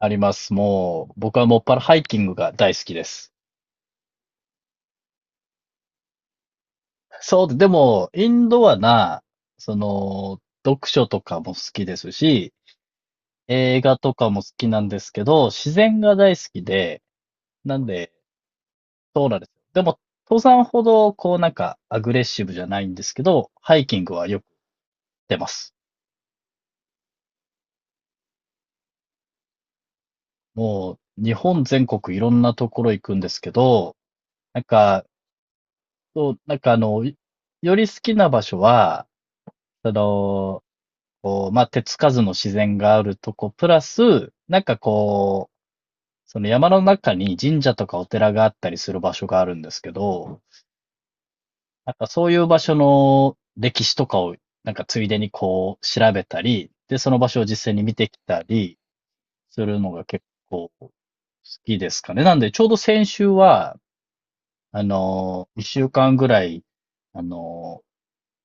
あります。もう、僕はもっぱらハイキングが大好きです。そう、でも、インドアな、読書とかも好きですし、映画とかも好きなんですけど、自然が大好きで、なんで、そうなんです。でも、登山ほど、こうなんか、アグレッシブじゃないんですけど、ハイキングはよく行ってます。もう、日本全国いろんなところ行くんですけど、なんか、そう、より好きな場所は、その、こう、まあ、手つかずの自然があるとこ、プラス、なんかこう、その山の中に神社とかお寺があったりする場所があるんですけど、なんかそういう場所の歴史とかを、なんかついでにこう、調べたり、で、その場所を実際に見てきたりするのが結構好きですかね。なんで、ちょうど先週は、一週間ぐらい、あの、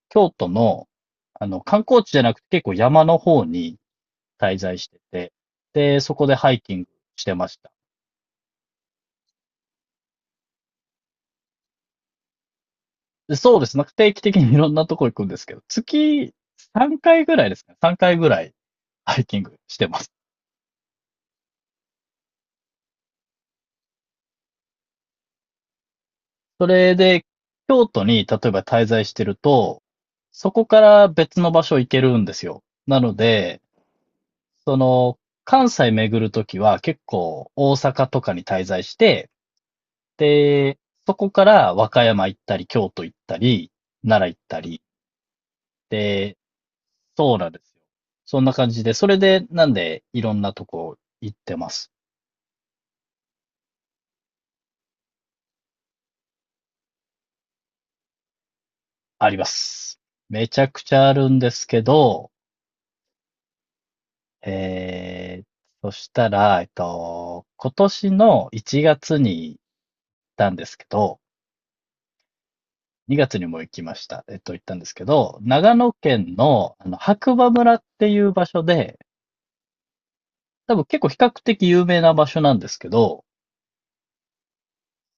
京都の、観光地じゃなくて結構山の方に滞在してて、で、そこでハイキングしてました。でそうですね。定期的にいろんなとこ行くんですけど、月3回ぐらいですかね。3回ぐらいハイキングしてます。それで、京都に例えば滞在してると、そこから別の場所行けるんですよ。なので、その、関西巡るときは結構大阪とかに滞在して、で、そこから和歌山行ったり、京都行ったり、奈良行ったり、で、そうなんですよ。そんな感じで、それで、なんで、いろんなとこ行ってます。あります。めちゃくちゃあるんですけど、えー、そしたら、今年の1月に行ったんですけど、2月にも行きました。行ったんですけど、長野県の、白馬村っていう場所で、多分結構比較的有名な場所なんですけど、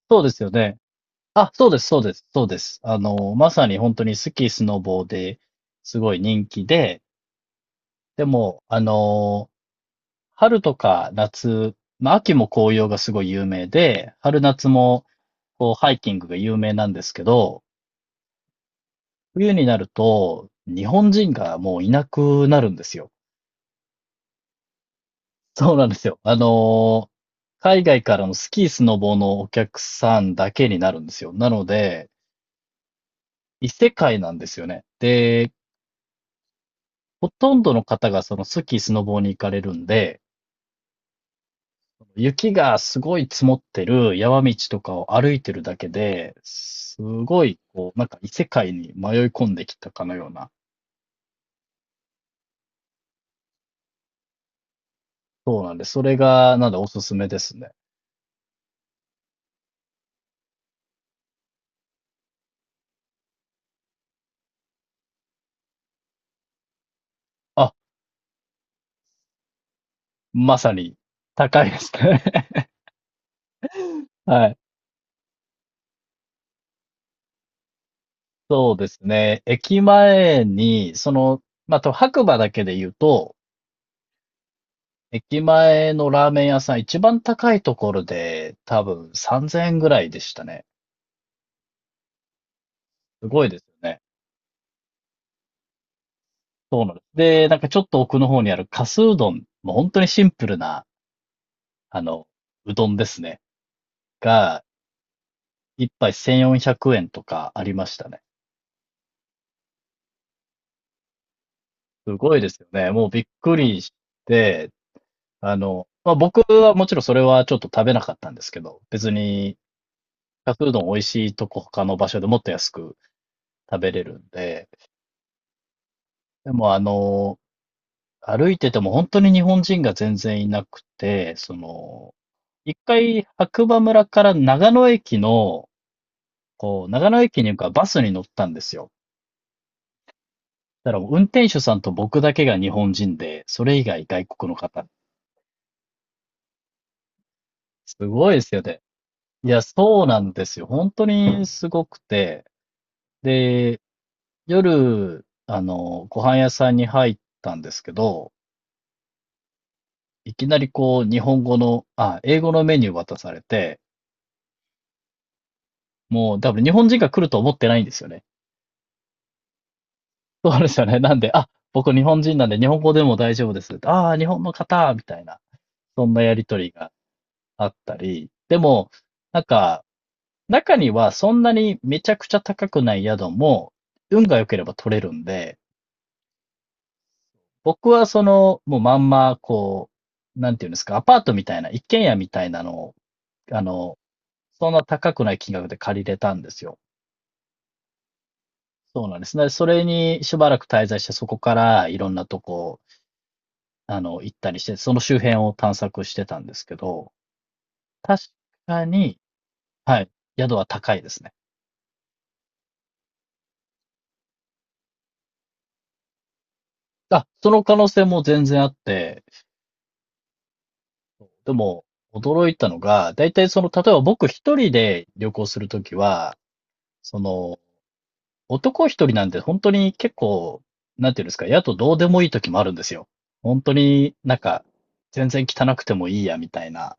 そうですよね。あ、そうです、そうです、そうです。まさに本当にスキー、スノボーですごい人気で、でも、春とか夏、まあ、秋も紅葉がすごい有名で、春夏もこうハイキングが有名なんですけど、冬になると日本人がもういなくなるんですよ。そうなんですよ。海外からのスキー、スノボーのお客さんだけになるんですよ。なので、異世界なんですよね。で、ほとんどの方がそのスキー、スノボーに行かれるんで、雪がすごい積もってる山道とかを歩いてるだけで、すごい、こう、なんか異世界に迷い込んできたかのような。そうなんで、それが、なんでおすすめですね。あ、まさに、高いですね。はい。そうですね。駅前に、その、まあ、と白馬だけで言うと、駅前のラーメン屋さん、一番高いところで、多分3000円ぐらいでしたね。すごいですよね。で、なんかちょっと奥の方にあるかすうどん、もう本当にシンプルな、あの、うどんですね。が、一杯1400円とかありましたね。すごいですよね。もうびっくりして、まあ、僕はもちろんそれはちょっと食べなかったんですけど、別に、かすうどん美味しいとこ他の場所でもっと安く食べれるんで、でもあの、歩いてても本当に日本人が全然いなくて、その、一回白馬村から長野駅の、こう、長野駅に行くからバスに乗ったんですよ。だからもう運転手さんと僕だけが日本人で、それ以外外国の方。すごいですよね。いや、そうなんですよ。本当にすごくて。で、夜、ご飯屋さんに入ったんですけど、いきなりこう、日本語の、あ、英語のメニュー渡されて、もう多分日本人が来ると思ってないんですよね。そうですよね。なんで、あ、僕日本人なんで日本語でも大丈夫です。ああ、日本の方みたいな、そんなやりとりがあったり、でも、なんか、中にはそんなにめちゃくちゃ高くない宿も、運が良ければ取れるんで、僕はその、もうまんま、こう、なんていうんですか、アパートみたいな、一軒家みたいなのを、あの、そんな高くない金額で借りれたんですよ。そうなんですね。それにしばらく滞在して、そこからいろんなとこ、行ったりして、その周辺を探索してたんですけど、確かに、はい、宿は高いですね。あ、その可能性も全然あって、でも驚いたのが、だいたいその、例えば僕一人で旅行するときは、その、男一人なんで本当に結構、なんていうんですか、やとどうでもいいときもあるんですよ。本当になんか、全然汚くてもいいや、みたいな。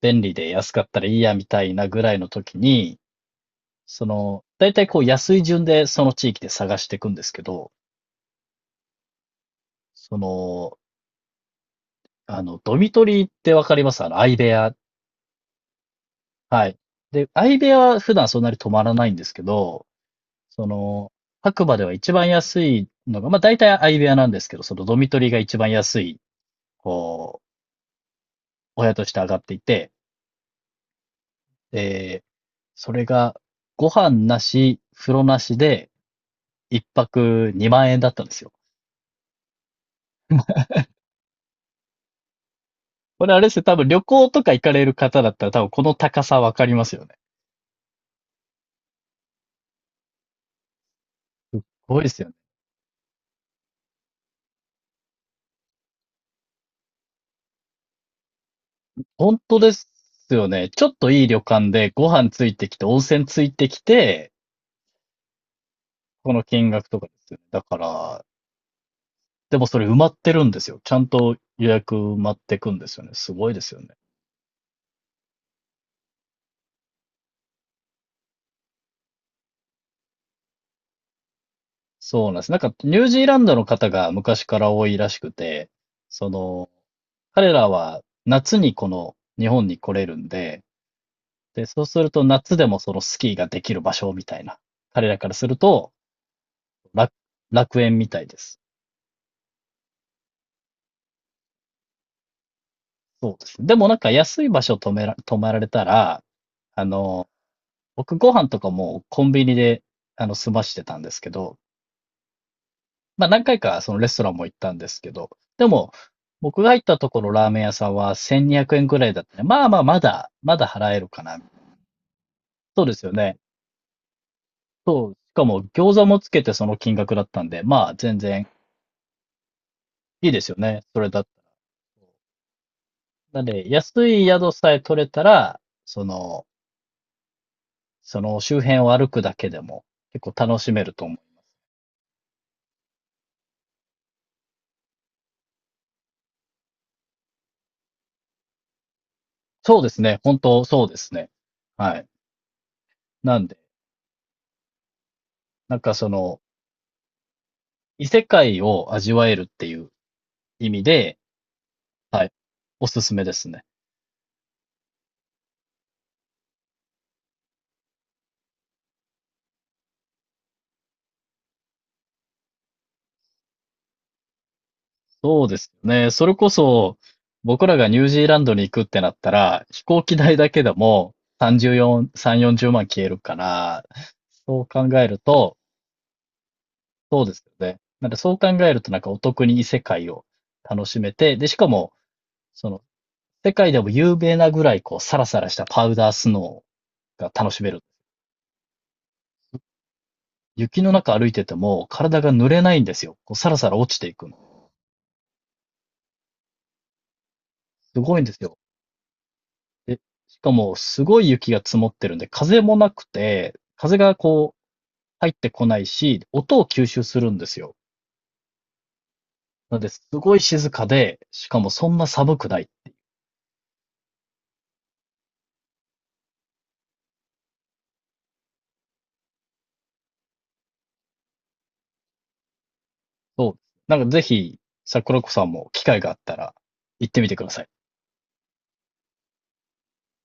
便利で安かったらいいや、みたいなぐらいのときに、その、だいたいこう安い順でその地域で探していくんですけど、その、ドミトリーってわかります？あの、相部屋。はい。で、相部屋は普段そんなに泊まらないんですけど、その、白馬では一番安いのが、まあ大体相部屋なんですけど、そのドミトリーが一番安い、こう、お部屋として上がっていて、えそれがご飯なし、風呂なしで一泊2万円だったんですよ。これあれですよ、多分旅行とか行かれる方だったら多分この高さわかりますよね。すっごいですよね。本当ですよね。ちょっといい旅館でご飯ついてきて、温泉ついてきて、この金額とかですよね。だから、でもそれ埋まってるんですよ。ちゃんと予約埋まってくんですよね。すごいですよね。そうなんです。なんか、ニュージーランドの方が昔から多いらしくて、その、彼らは夏にこの日本に来れるんで、で、そうすると夏でもそのスキーができる場所みたいな。彼らからすると楽、楽園みたいです。そうですね。でもなんか安い場所止めら、泊まられたら、あの、僕ご飯とかもコンビニで、済ましてたんですけど、まあ何回かそのレストランも行ったんですけど、でも、僕が行ったところラーメン屋さんは1200円ぐらいだったね。まあまあまだ払えるかな。そうですよね。しかも餃子もつけてその金額だったんで、まあ全然いいですよね。それだった。なんで、安い宿さえ取れたら、その、その周辺を歩くだけでも結構楽しめると思う。そうですね。本当そうですね。はい。なんで、なんかその、異世界を味わえるっていう意味で、はい、おすすめですね。そうですね。それこそ、僕らがニュージーランドに行くってなったら、飛行機代だけでも34、3、40万消えるから、そう考えると、そうですよね。なんでそう考えるとなんかお得に異世界を楽しめて、で、しかも、その、世界でも有名なぐらいこう、サラサラしたパウダースノーが楽しめる。雪の中歩いてても体が濡れないんですよ。こうサラサラ落ちていくの。すごいんですよ。で、しかもすごい雪が積もってるんで、風もなくて、風がこう入ってこないし、音を吸収するんですよ。なので、すごい静かで、しかもそんな寒くない。そう。なんかぜひ、桜子さんも機会があったら行ってみてください。